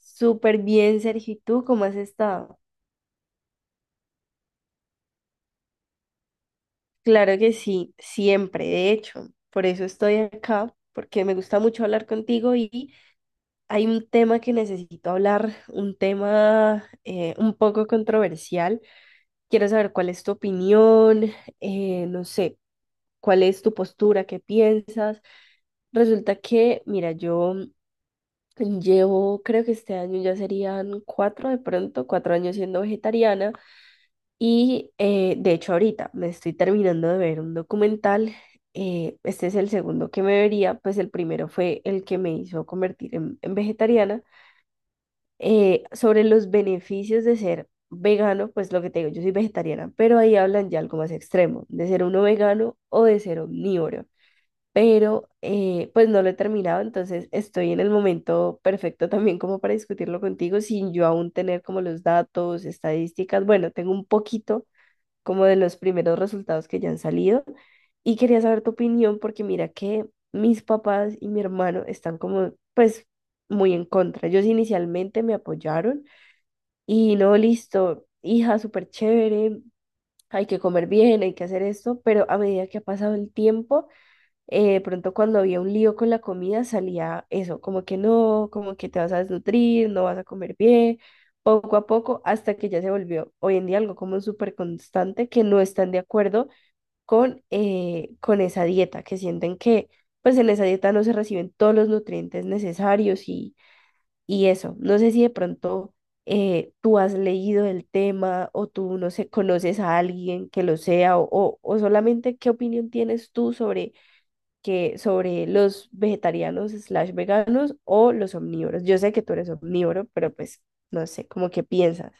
Súper bien, Sergio. ¿Y tú cómo has estado? Claro que sí, siempre, de hecho. Por eso estoy acá, porque me gusta mucho hablar contigo y hay un tema que necesito hablar, un tema un poco controversial. Quiero saber cuál es tu opinión, no sé, cuál es tu postura, qué piensas. Resulta que, mira, yo llevo, creo que este año ya serían cuatro de pronto, 4 años siendo vegetariana. Y de hecho ahorita me estoy terminando de ver un documental. Este es el segundo que me vería, pues el primero fue el que me hizo convertir en vegetariana. Sobre los beneficios de ser vegano, pues lo que te digo, yo soy vegetariana, pero ahí hablan ya algo más extremo, de ser uno vegano o de ser omnívoro. Pero pues no lo he terminado, entonces estoy en el momento perfecto también como para discutirlo contigo sin yo aún tener como los datos, estadísticas. Bueno, tengo un poquito como de los primeros resultados que ya han salido. Y quería saber tu opinión porque mira que mis papás y mi hermano están como, pues, muy en contra. Ellos inicialmente me apoyaron y no, listo, hija, súper chévere, hay que comer bien, hay que hacer esto, pero a medida que ha pasado el tiempo de pronto cuando había un lío con la comida salía eso, como que no, como que te vas a desnutrir, no vas a comer bien, poco a poco, hasta que ya se volvió hoy en día algo como súper constante que no están de acuerdo con esa dieta, que sienten que pues en esa dieta no se reciben todos los nutrientes necesarios y eso. No sé si de pronto tú has leído el tema o tú, no sé, conoces a alguien que lo sea o solamente qué opinión tienes tú sobre los vegetarianos/veganos o los omnívoros. Yo sé que tú eres omnívoro, pero pues no sé, como que piensas.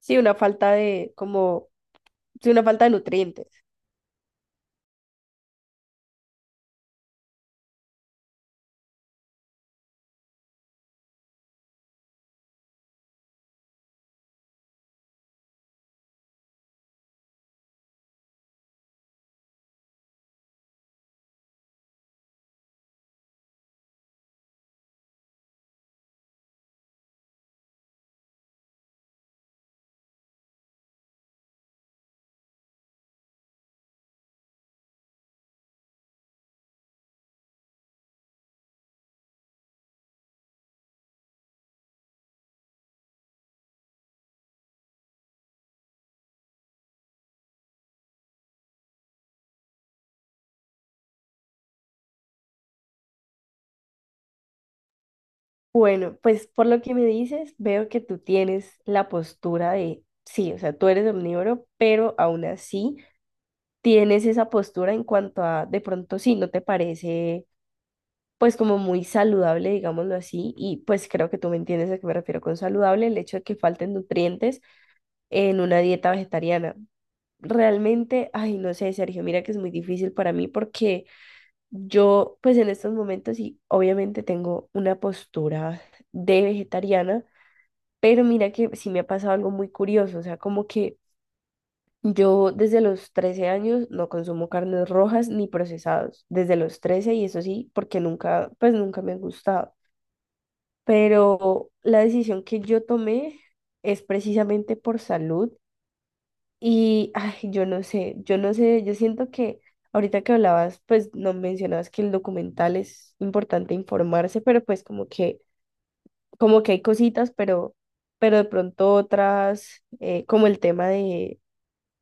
Sí, una falta de, como, sí, una falta de nutrientes. Bueno, pues por lo que me dices, veo que tú tienes la postura de, sí, o sea, tú eres omnívoro, pero aún así tienes esa postura en cuanto a, de pronto sí, no te parece pues como muy saludable, digámoslo así, y pues creo que tú me entiendes a qué me refiero con saludable, el hecho de que falten nutrientes en una dieta vegetariana. Realmente, ay, no sé, Sergio, mira que es muy difícil para mí porque yo, pues en estos momentos sí, obviamente tengo una postura de vegetariana, pero mira que sí me ha pasado algo muy curioso, o sea, como que yo desde los 13 años no consumo carnes rojas ni procesados, desde los 13 y eso sí, porque nunca, pues nunca me han gustado, pero la decisión que yo tomé es precisamente por salud. Y, ay, yo no sé, yo no sé, yo siento que ahorita que hablabas, pues no mencionabas que el documental es importante informarse, pero pues como que, hay cositas, pero de pronto otras, como el tema de,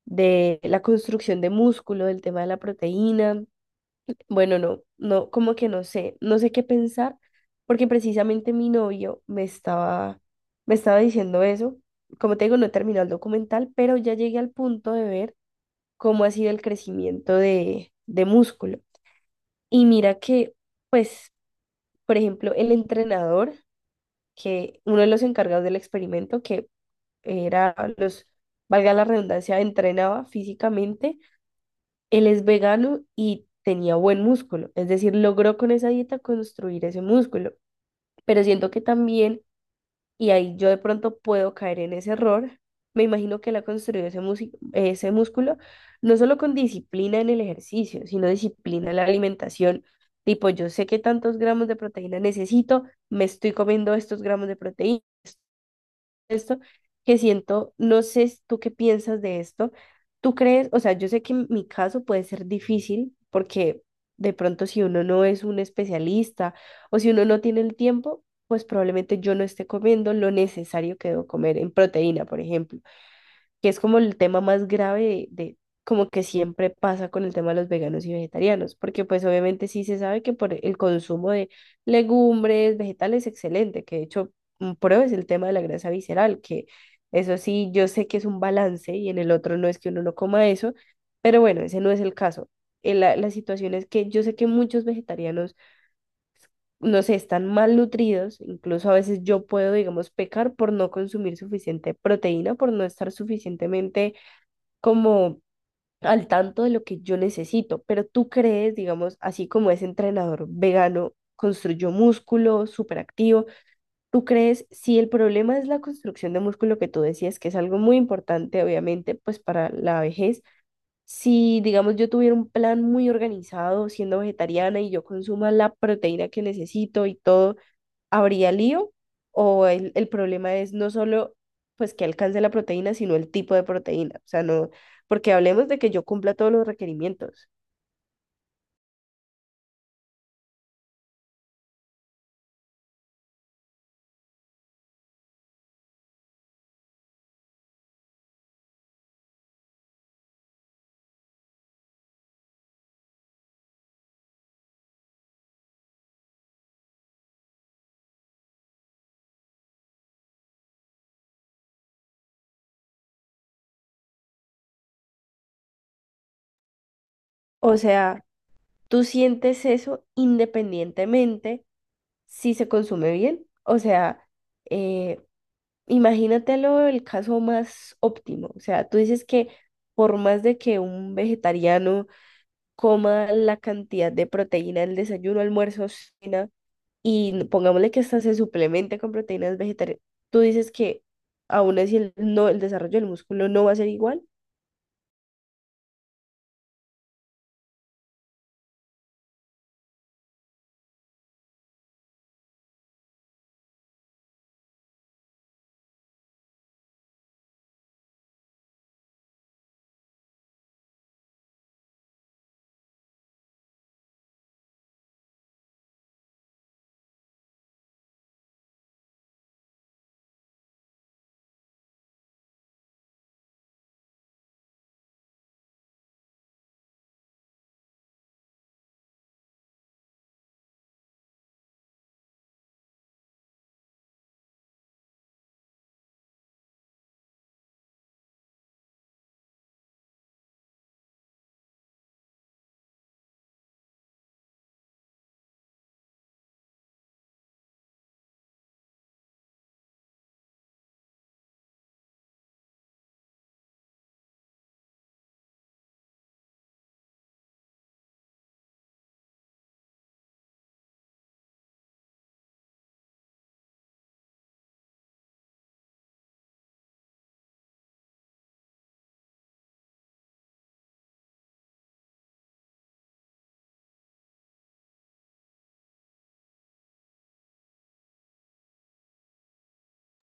de la construcción de músculo, el tema de la proteína, bueno, no, no, como que no sé, no sé qué pensar, porque precisamente mi novio me estaba, diciendo eso. Como te digo, no he terminado el documental, pero ya llegué al punto de ver cómo ha sido el crecimiento de músculo. Y mira que, pues, por ejemplo, el entrenador, que uno de los encargados del experimento, que era los, valga la redundancia, entrenaba físicamente, él es vegano y tenía buen músculo, es decir, logró con esa dieta construir ese músculo. Pero siento que también, y ahí yo de pronto puedo caer en ese error. Me imagino que él ha construido ese músculo no solo con disciplina en el ejercicio, sino disciplina en la alimentación. Tipo, yo sé que tantos gramos de proteína necesito, me estoy comiendo estos gramos de proteína, esto que siento, no sé si tú qué piensas de esto. ¿Tú crees? O sea, yo sé que en mi caso puede ser difícil porque de pronto si uno no es un especialista o si uno no tiene el tiempo, pues probablemente yo no esté comiendo lo necesario que debo comer en proteína, por ejemplo, que es como el tema más grave de, como que siempre pasa con el tema de los veganos y vegetarianos, porque pues obviamente sí se sabe que por el consumo de legumbres, vegetales, excelente, que de hecho, prueba es el tema de la grasa visceral, que eso sí, yo sé que es un balance y en el otro no es que uno no coma eso, pero bueno, ese no es el caso. La situación es que yo sé que muchos vegetarianos, no sé, están mal nutridos, incluso a veces yo puedo, digamos, pecar por no consumir suficiente proteína, por no estar suficientemente como al tanto de lo que yo necesito, pero tú crees, digamos, así como ese entrenador vegano construyó músculo súper activo, tú crees, si el problema es la construcción de músculo que tú decías, que es algo muy importante, obviamente, pues para la vejez, si, digamos, yo tuviera un plan muy organizado siendo vegetariana y yo consuma la proteína que necesito y todo, ¿habría lío? ¿O el problema es no solo pues que alcance la proteína, sino el tipo de proteína? O sea, no, porque hablemos de que yo cumpla todos los requerimientos. O sea, tú sientes eso independientemente si se consume bien. O sea, eh, imagínatelo el caso más óptimo. O sea, tú dices que por más de que un vegetariano coma la cantidad de proteína el desayuno, almuerzo, cena, y pongámosle que hasta se suplemente con proteínas vegetarianas, tú dices que aún así el, no, el desarrollo del músculo no va a ser igual.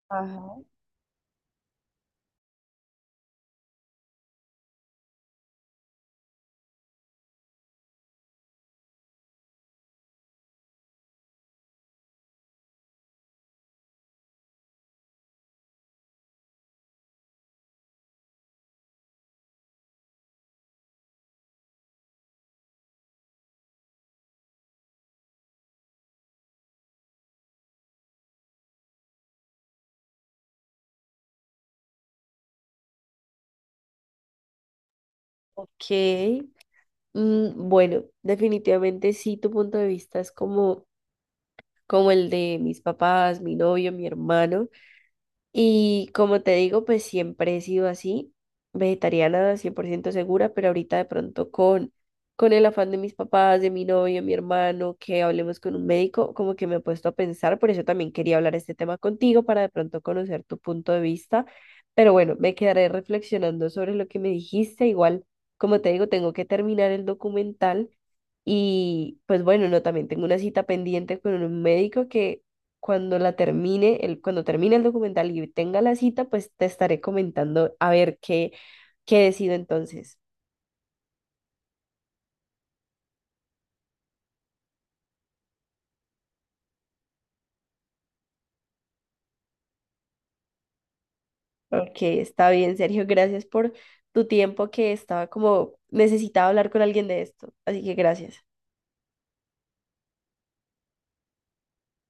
Ajá. Ok, bueno, definitivamente sí, tu punto de vista es como, el de mis papás, mi novio, mi hermano. Y como te digo, pues siempre he sido así, vegetariana 100% segura, pero ahorita de pronto con el afán de mis papás, de mi novio, mi hermano, que hablemos con un médico, como que me he puesto a pensar, por eso también quería hablar este tema contigo para de pronto conocer tu punto de vista. Pero bueno, me quedaré reflexionando sobre lo que me dijiste. Igual, como te digo, tengo que terminar el documental y pues bueno, no, también tengo una cita pendiente con un médico que cuando la termine, cuando termine el documental y tenga la cita, pues te estaré comentando a ver qué, decido entonces. Ok, está bien, Sergio, gracias por tu tiempo que estaba como necesitaba hablar con alguien de esto, así que gracias.